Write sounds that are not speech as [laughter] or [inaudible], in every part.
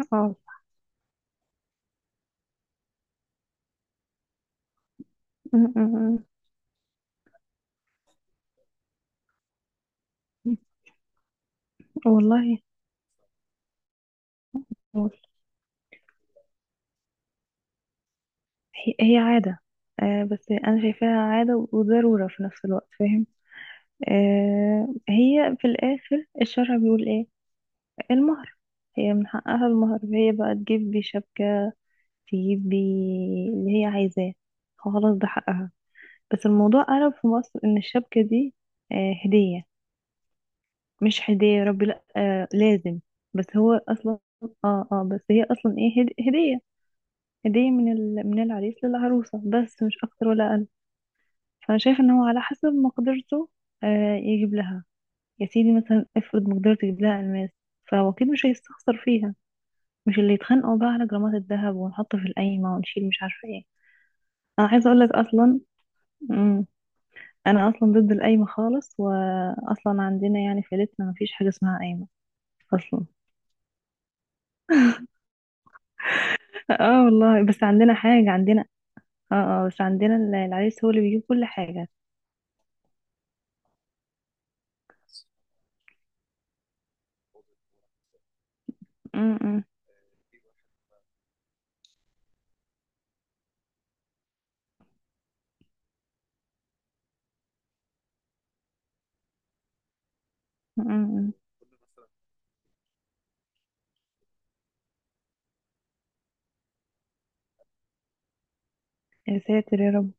يتفاعل. م- م- م. والله. قول. هي عادة. آه، بس أنا شايفاها عادة وضرورة في نفس الوقت، فاهم؟ آه، هي في الآخر الشرع بيقول إيه؟ المهر، هي من حقها المهر، هي بقى تجيب بيه شبكة، تجيب بيه اللي هي عايزاه، خلاص ده حقها. بس الموضوع قلب في مصر إن الشبكة دي آه هدية، مش هدية يا ربي، لأ آه لازم. بس هو أصلا اه اه، بس هي أصلا إيه، هدية. هدية من ال... من العريس للعروسة، بس مش أكتر ولا أقل. فأنا شايف إن هو على حسب مقدرته آه يجيب لها، يا سيدي مثلا افرض مقدرته يجيب لها ألماس، فهو أكيد مش هيستخسر فيها. مش اللي يتخانقوا بقى على جرامات الذهب ونحطه في القايمة ونشيل مش عارفة ايه. أنا عايزة أقولك أصلا. مم. أنا أصلا ضد القايمة خالص، وأصلا عندنا يعني في عيلتنا مفيش حاجة اسمها قايمة أصلا. اه والله بس عندنا حاجة، عندنا اه اه، بس عندنا العريس هو اللي بيجيب كل حاجة. مم، مم، مم، مم. يا ساتر يا رب.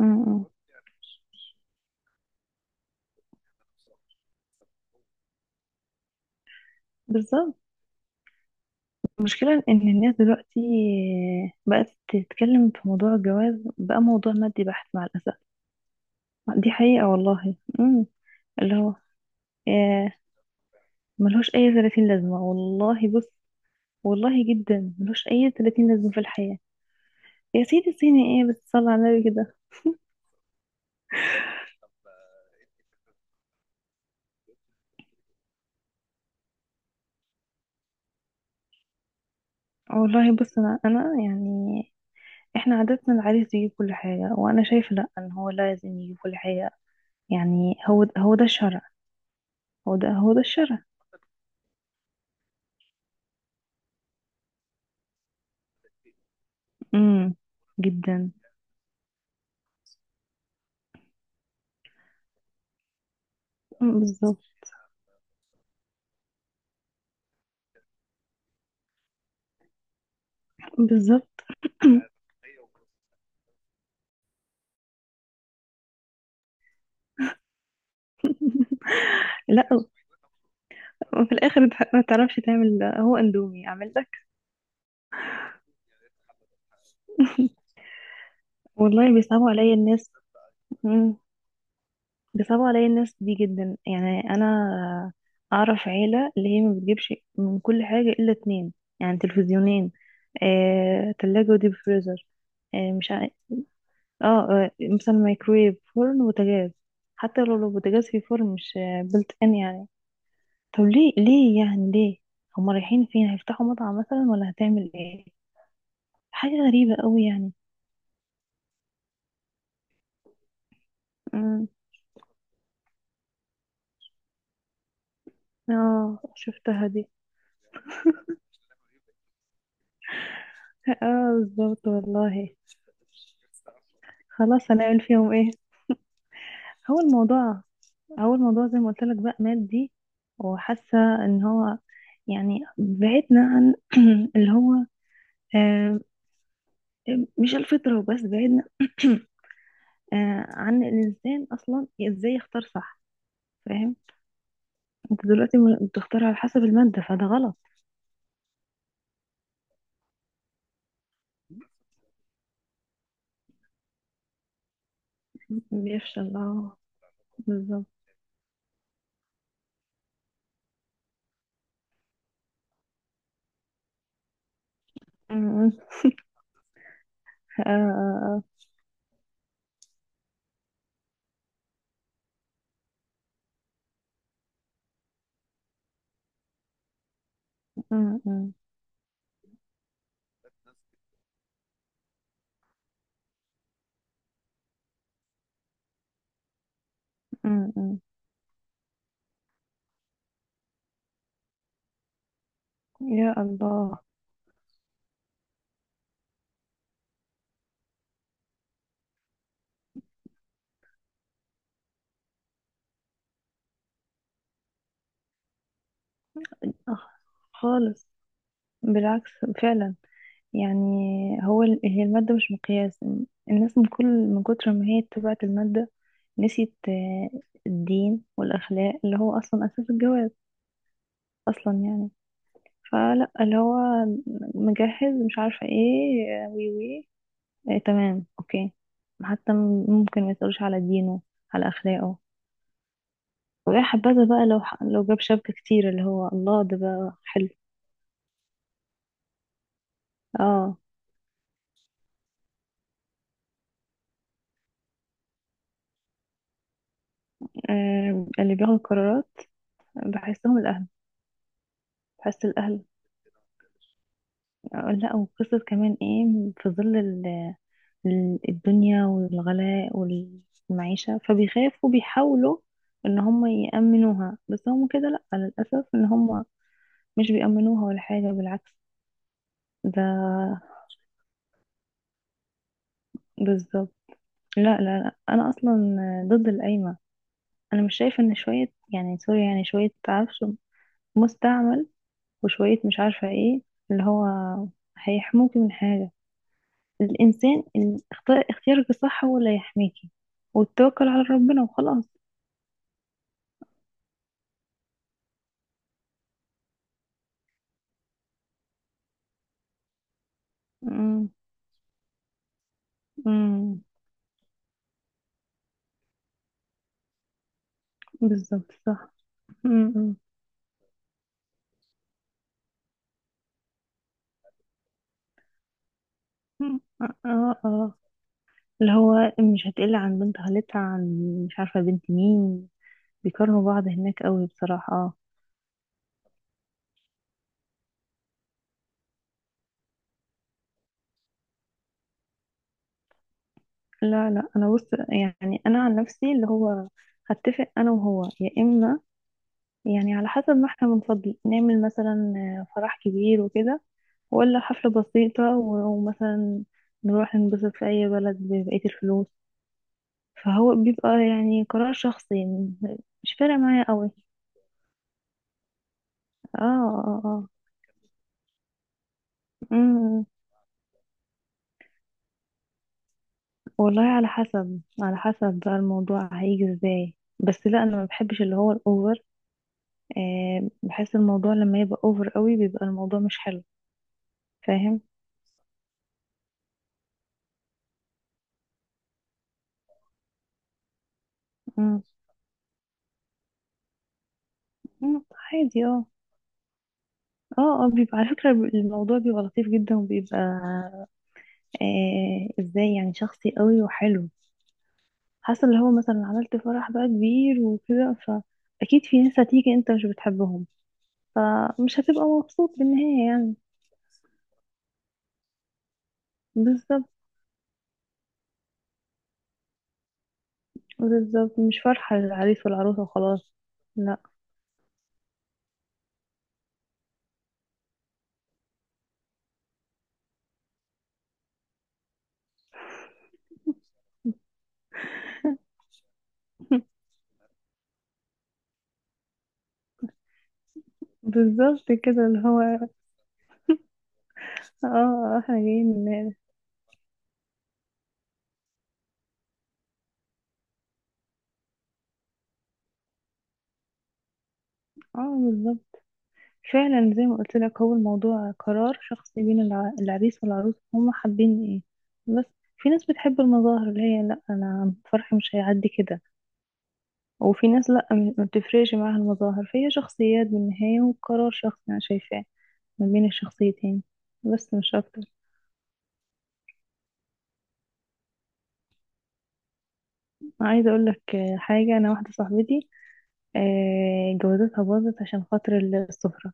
امم. بالظبط. المشكلة إن الناس دلوقتي بقت تتكلم في موضوع الجواز، بقى موضوع مادي بحت مع الأسف. دي حقيقة والله. امم. اللي هو آه، ملهوش أي 30 لازمة والله، بص والله جدا ملهوش أي 30 لازمة في الحياة. يا سيدي سيني إيه بس، صلى على النبي كده. والله بص، أنا يعني إحنا عادتنا العريس يجيب كل حاجة، وأنا شايفة لأ إن هو لازم يجيب كل حاجة. يعني هو ده الشرع، هو ده الشرع امم. جدا. مم، بالظبط. بالظبط. لا، وفي الاخر انت ما تعرفش تعمل هو اندومي اعمل لك. والله بيصعبوا عليا الناس. مم، بيصعبوا عليا الناس دي جدا. يعني انا اعرف عيله اللي هي ما بتجيبش من كل حاجه الا اتنين، يعني تلفزيونين، آه، تلاجة وديب فريزر، آه، مش عارف اه، آه، مثلا مايكرويف فرن وبوتاجاز. حتى لو البوتاجاز فيه فرن مش بلت ان، يعني طب ليه، ليه يعني ليه؟ هما رايحين فين، هيفتحوا مطعم مثلا ولا هتعمل ايه؟ حاجة غريبة قوي يعني. امم. اه شفتها دي. اه بالظبط والله. خلاص هنعمل فيهم ايه. هو الموضوع، هو الموضوع زي ما قلت لك بقى مادي، وحاسه ان هو يعني بعدنا عن [clears throat] اللي هو آه، مش الفطره وبس، بعدنا [clears throat] آه، عن الانسان اصلا ازاي يختار صح، فاهم؟ انت دلوقتي بتختار على حسب الماده، فده غلط. بيفشل اه. بالظبط. أمم. آه، آه، آه. أمم. أمم. يا الله. آه، خالص. بالعكس. فعلا. يعني هو هي المادة مش مقياس. الناس من كل من كتر ما هي اتبعت المادة نسيت آه، الدين والأخلاق اللي هو أصلا أساس الجواز أصلا يعني. فلا اللي هو مجهز مش عارفة ايه آه، وي وي إيه تمام اوكي. حتى ممكن ما يسألوش على دينه، على اخلاقه، ويا حبذا بقى لو لو جاب شبكة كتير، اللي هو الله ده بقى حلو. اه. آه، اللي بياخدوا القرارات بحسهم الاهل. بحس الاهل آه، لا، وقصة كمان ايه في ظل الدنيا والغلاء والمعيشة، فبيخافوا بيحاولوا ان هم يأمنوها، بس هم كده لا للأسف ان هم مش بيأمنوها ولا حاجة، بالعكس. ده بالظبط. لا لا لا انا اصلا ضد القايمه. انا مش شايفه ان شويه، يعني سوري يعني شويه عفش مستعمل وشويه مش عارفه ايه اللي هو هيحموكي من حاجه. الانسان اختيارك الصح هو اللي هيحميكي، والتوكل على ربنا وخلاص. امم. امم. بالظبط. صح. امم. أمم. اه اه آه. اللي هو مش هتقل عن بنت خالتها، عن مش عارفه بنت مين. بيكرهوا بعض هناك قوي بصراحه. لا لا انا بص، يعني انا عن نفسي اللي هو هتفق انا وهو، يا اما يعني على حسب ما احنا بنفضل نعمل، مثلا فرح كبير وكده، ولا حفلة بسيطة ومثلا نروح ننبسط في اي بلد ببقية الفلوس. فهو بيبقى يعني قرار شخصي يعني. مش فارق معايا قوي. اه اه اه. أمم. والله على حسب، على حسب بقى الموضوع هيجي ازاي، بس لا انا ما بحبش اللي هو الاوفر. آه، بحس الموضوع لما يبقى اوفر قوي بيبقى الموضوع مش حلو. فاهم. مم. مم، عادي اه. اه اه بيبقى على فكرة الموضوع بيبقى لطيف جدا، وبيبقى آه ازاي يعني شخصي قوي وحلو. حاسة اللي هو مثلا عملت فرح بقى كبير وكده، فأكيد في ناس هتيجي انت مش بتحبهم، فمش هتبقى مبسوط بالنهاية يعني. بالظبط. بالظبط مش فرحة للعريس والعروسة وخلاص. لا بالظبط كده اللي هو اه احنا جايين اه بالظبط. فعلا زي ما قلت لك هو الموضوع قرار شخصي بين العريس والعروس، هما حابين ايه. بس في ناس بتحب المظاهر اللي هي لا انا فرحي مش هيعدي كده، وفي ناس لا ما بتفرقش معاها المظاهر، فهي شخصيات بالنهاية، وقرار شخصي انا شايفاه ما بين الشخصيتين، بس مش اكتر. عايزه اقول لك حاجه، انا واحده صاحبتي آه، جوازتها باظت عشان خاطر السفره.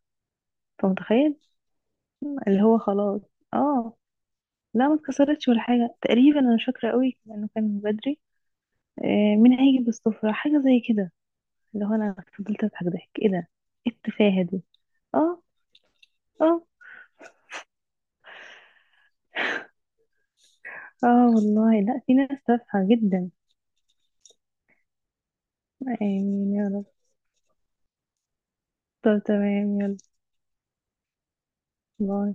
انت متخيل؟ اللي هو خلاص. اه، لا ما اتكسرتش ولا حاجه تقريبا، انا مش فاكره قوي لانه كان من بدري. آه، مين هيجي بالسفرة، حاجة زي كده اللي هو أنا فضلت أضحك، ضحك إيه ده، إيه التفاهة دي. اه. اه اه والله لا في ناس تافهة جدا. آمين يا رب. طب تمام يلا. باي.